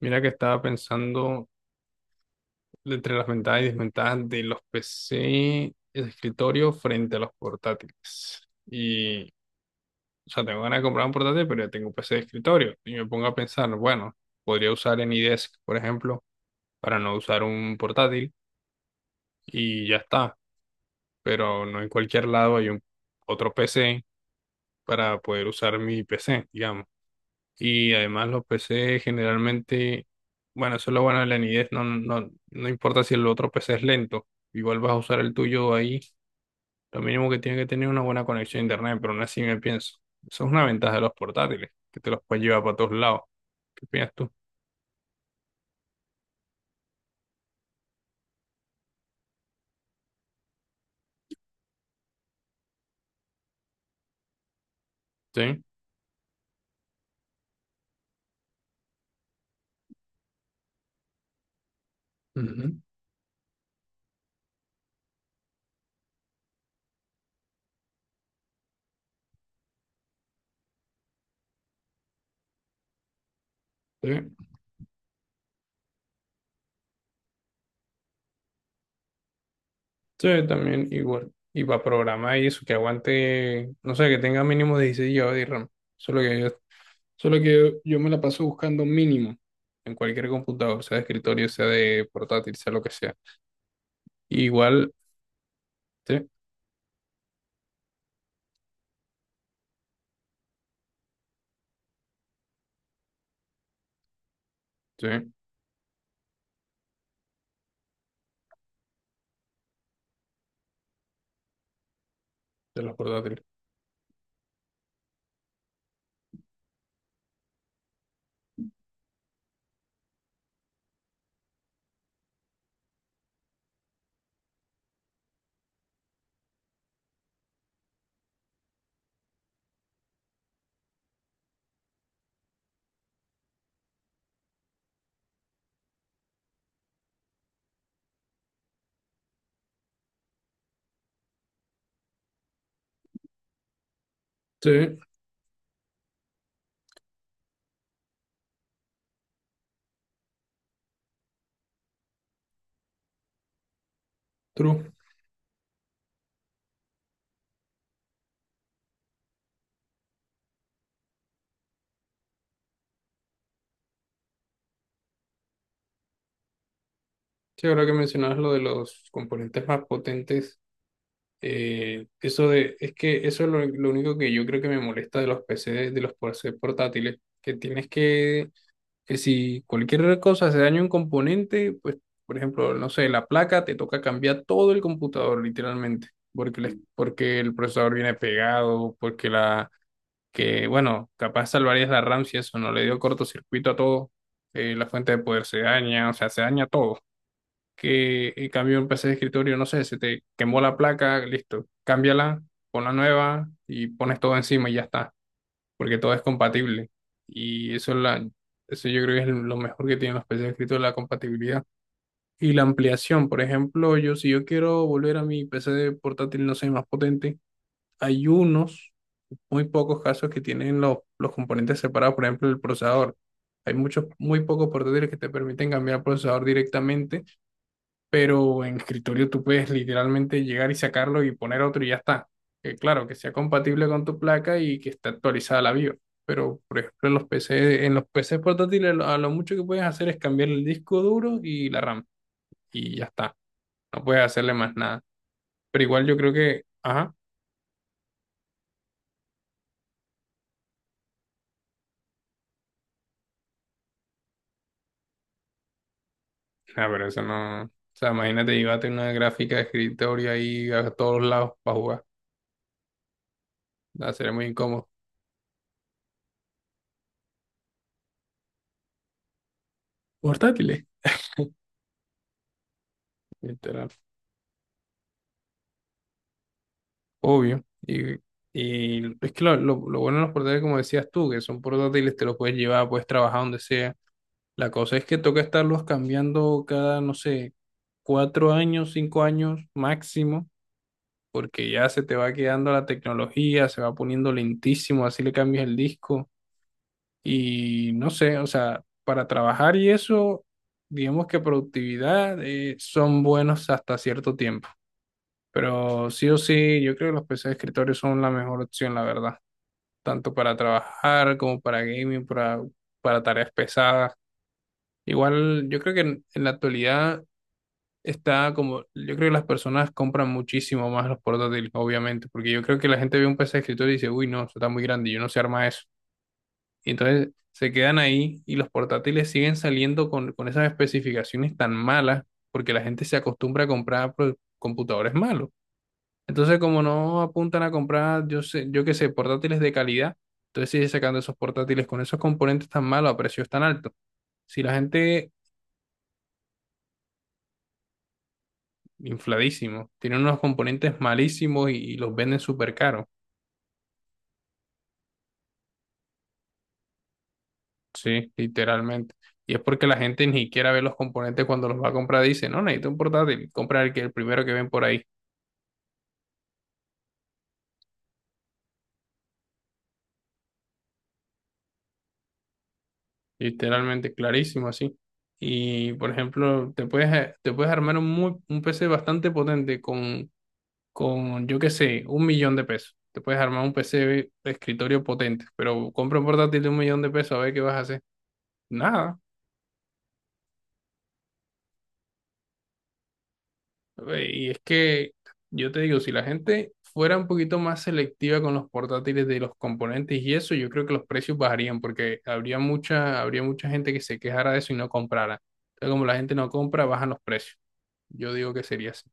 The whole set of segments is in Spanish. Mira que estaba pensando entre las ventajas y desventajas de los PC de escritorio frente a los portátiles. O sea, tengo ganas de comprar un portátil, pero ya tengo un PC de escritorio. Y me pongo a pensar, bueno, podría usar AnyDesk, por ejemplo, para no usar un portátil y ya está. Pero no en cualquier lado hay un otro PC para poder usar mi PC, digamos. Y además los PC generalmente, bueno, eso es lo bueno de la nidez, no importa si el otro PC es lento, igual vas a usar el tuyo ahí, lo mínimo que tiene que tener una buena conexión a internet, pero aún así me pienso, eso es una ventaja de los portátiles, que te los puedes llevar para todos lados. ¿Qué opinas tú? Sí. Ujú. Sí. Sí, también igual. Y para programar y eso, que aguante, no sé, que tenga mínimo 16 GB de RAM. Solo que yo, solo que yo me la paso buscando mínimo en cualquier computador, sea de escritorio, sea de portátil, sea lo que sea. Igual, sí, sí, de los portátiles. Sí, true. Sí, ahora que mencionabas lo de los componentes más potentes, eso de, es que eso es lo único que yo creo que me molesta de los PC portátiles, que tienes que si cualquier cosa se daña un componente, pues, por ejemplo, no sé, la placa, te toca cambiar todo el computador, literalmente, porque, porque el procesador viene pegado, porque la, que, bueno, capaz salvarías la RAM si eso no le dio cortocircuito a todo, la fuente de poder se daña, o sea, se daña todo. Que en cambio un PC de escritorio, no sé, se te quemó la placa, listo, cámbiala, pon la nueva y pones todo encima y ya está porque todo es compatible. Y eso, eso yo creo que es lo mejor que tienen los PCs escritos, la compatibilidad. Y la ampliación, por ejemplo, yo si yo quiero volver a mi PC de portátil, no sé, más potente, hay unos, muy pocos casos que tienen los componentes separados, por ejemplo, el procesador. Hay muchos, muy pocos portátiles que te permiten cambiar el procesador directamente, pero en escritorio tú puedes literalmente llegar y sacarlo y poner otro y ya está. Que claro, que sea compatible con tu placa y que esté actualizada la BIOS. Pero, por ejemplo, en los PCs portátiles, a lo mucho que puedes hacer es cambiar el disco duro y la RAM. Y ya está. No puedes hacerle más nada. Pero igual yo creo que, ajá, ah, pero eso no. O sea, imagínate, llévate una gráfica de escritorio ahí a todos lados para jugar. Va a ser muy incómodo. Portátiles, literal. Obvio. Y es que lo bueno de los portátiles, como decías tú, que son portátiles, te los puedes llevar, puedes trabajar donde sea. La cosa es que toca estarlos cambiando cada, no sé, cuatro años, cinco años máximo, porque ya se te va quedando la tecnología, se va poniendo lentísimo, así le cambias el disco. Y no sé, o sea, para trabajar y eso, digamos que productividad, son buenos hasta cierto tiempo. Pero sí o sí, yo creo que los PC de escritorio son la mejor opción, la verdad. Tanto para trabajar como para gaming, para tareas pesadas. Igual, yo creo que en la actualidad está como, yo creo que las personas compran muchísimo más los portátiles, obviamente, porque yo creo que la gente ve un PC de escritorio y dice, uy, no, eso está muy grande, yo no sé armar eso. Y entonces se quedan ahí y los portátiles siguen saliendo con esas especificaciones tan malas porque la gente se acostumbra a comprar pues, computadores malos. Entonces, como no apuntan a comprar, yo sé, yo qué sé, portátiles de calidad, entonces sigue sacando esos portátiles con esos componentes tan malos a precios tan altos. Si la gente, infladísimo, tiene unos componentes malísimos y los venden súper caros, sí, literalmente. Y es porque la gente ni siquiera ve los componentes cuando los va a comprar, dice, no, necesito un portátil, compra el que, el primero que ven por ahí, literalmente, clarísimo así. Y, por ejemplo, te puedes armar un PC bastante potente con, yo qué sé, un millón de pesos. Te puedes armar un PC de escritorio potente, pero compra un portátil de un millón de pesos a ver qué vas a hacer. Nada. Y es que yo te digo, si la gente fuera un poquito más selectiva con los portátiles de los componentes y eso, yo creo que los precios bajarían porque habría mucha gente que se quejara de eso y no comprara. Entonces, como la gente no compra, bajan los precios. Yo digo que sería así.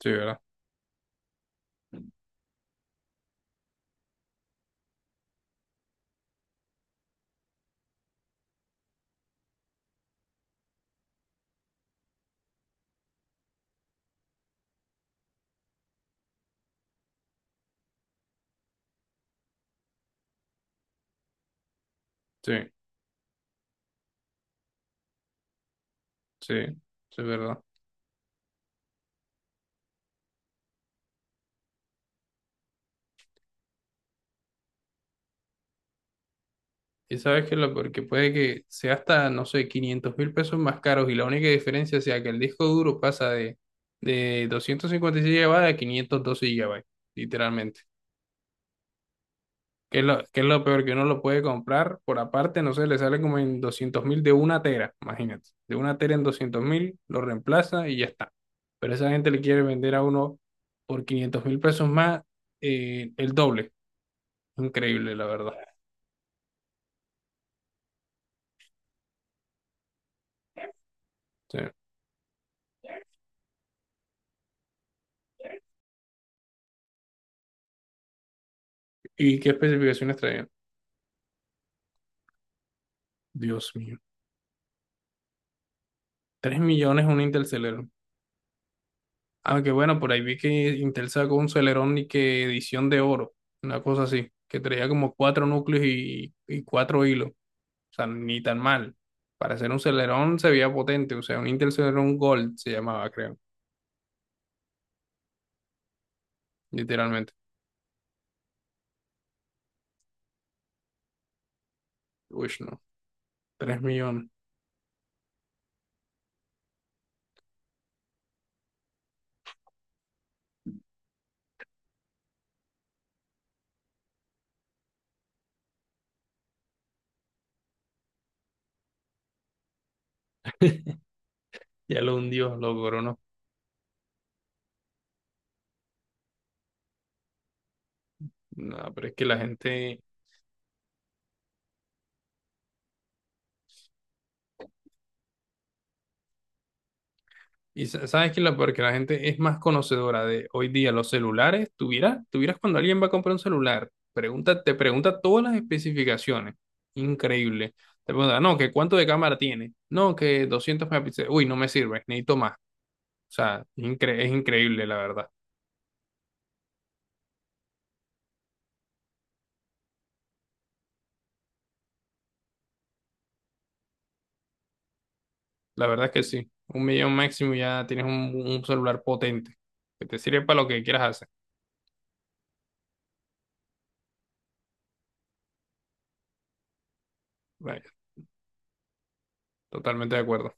Sí, ¿verdad? Sí, sí, sí, es verdad. Y sabes que lo porque puede que sea hasta, no sé, 500.000 pesos más caros y la única diferencia sea que el disco duro pasa de 256 GB a 512 GB, literalmente. Que es lo peor, que uno lo puede comprar por aparte, no sé, le sale como en 200.000 de una tera, imagínate. De una tera en 200.000, lo reemplaza y ya está. Pero esa gente le quiere vender a uno por 500.000 pesos más, el doble. Increíble, la verdad. Sí. ¿Y qué especificaciones traían? Dios mío. 3 millones un Interceler. Aunque bueno, por ahí vi que Intel sacó un Celerón y que edición de oro, una cosa así, que traía como cuatro núcleos y cuatro hilos. O sea, ni tan mal. Para hacer un Celerón se veía potente, o sea, un Intel Celeron Gold se llamaba, creo, literalmente. Uy, no, 3 millones. Ya lo hundió, lo coronó. No, pero es que la gente. Sabes que la porque la gente es más conocedora de hoy día los celulares. Tuvieras, tuvieras cuando alguien va a comprar un celular, pregunta, te pregunta todas las especificaciones. Increíble. Te pregunta, no, que cuánto de cámara tiene. No, que 200 megapíxeles. Uy, no me sirve, necesito más. O sea, es increíble, la verdad. La verdad es que sí. Un millón máximo y ya tienes un celular potente que te sirve para lo que quieras hacer. Vaya, totalmente de acuerdo.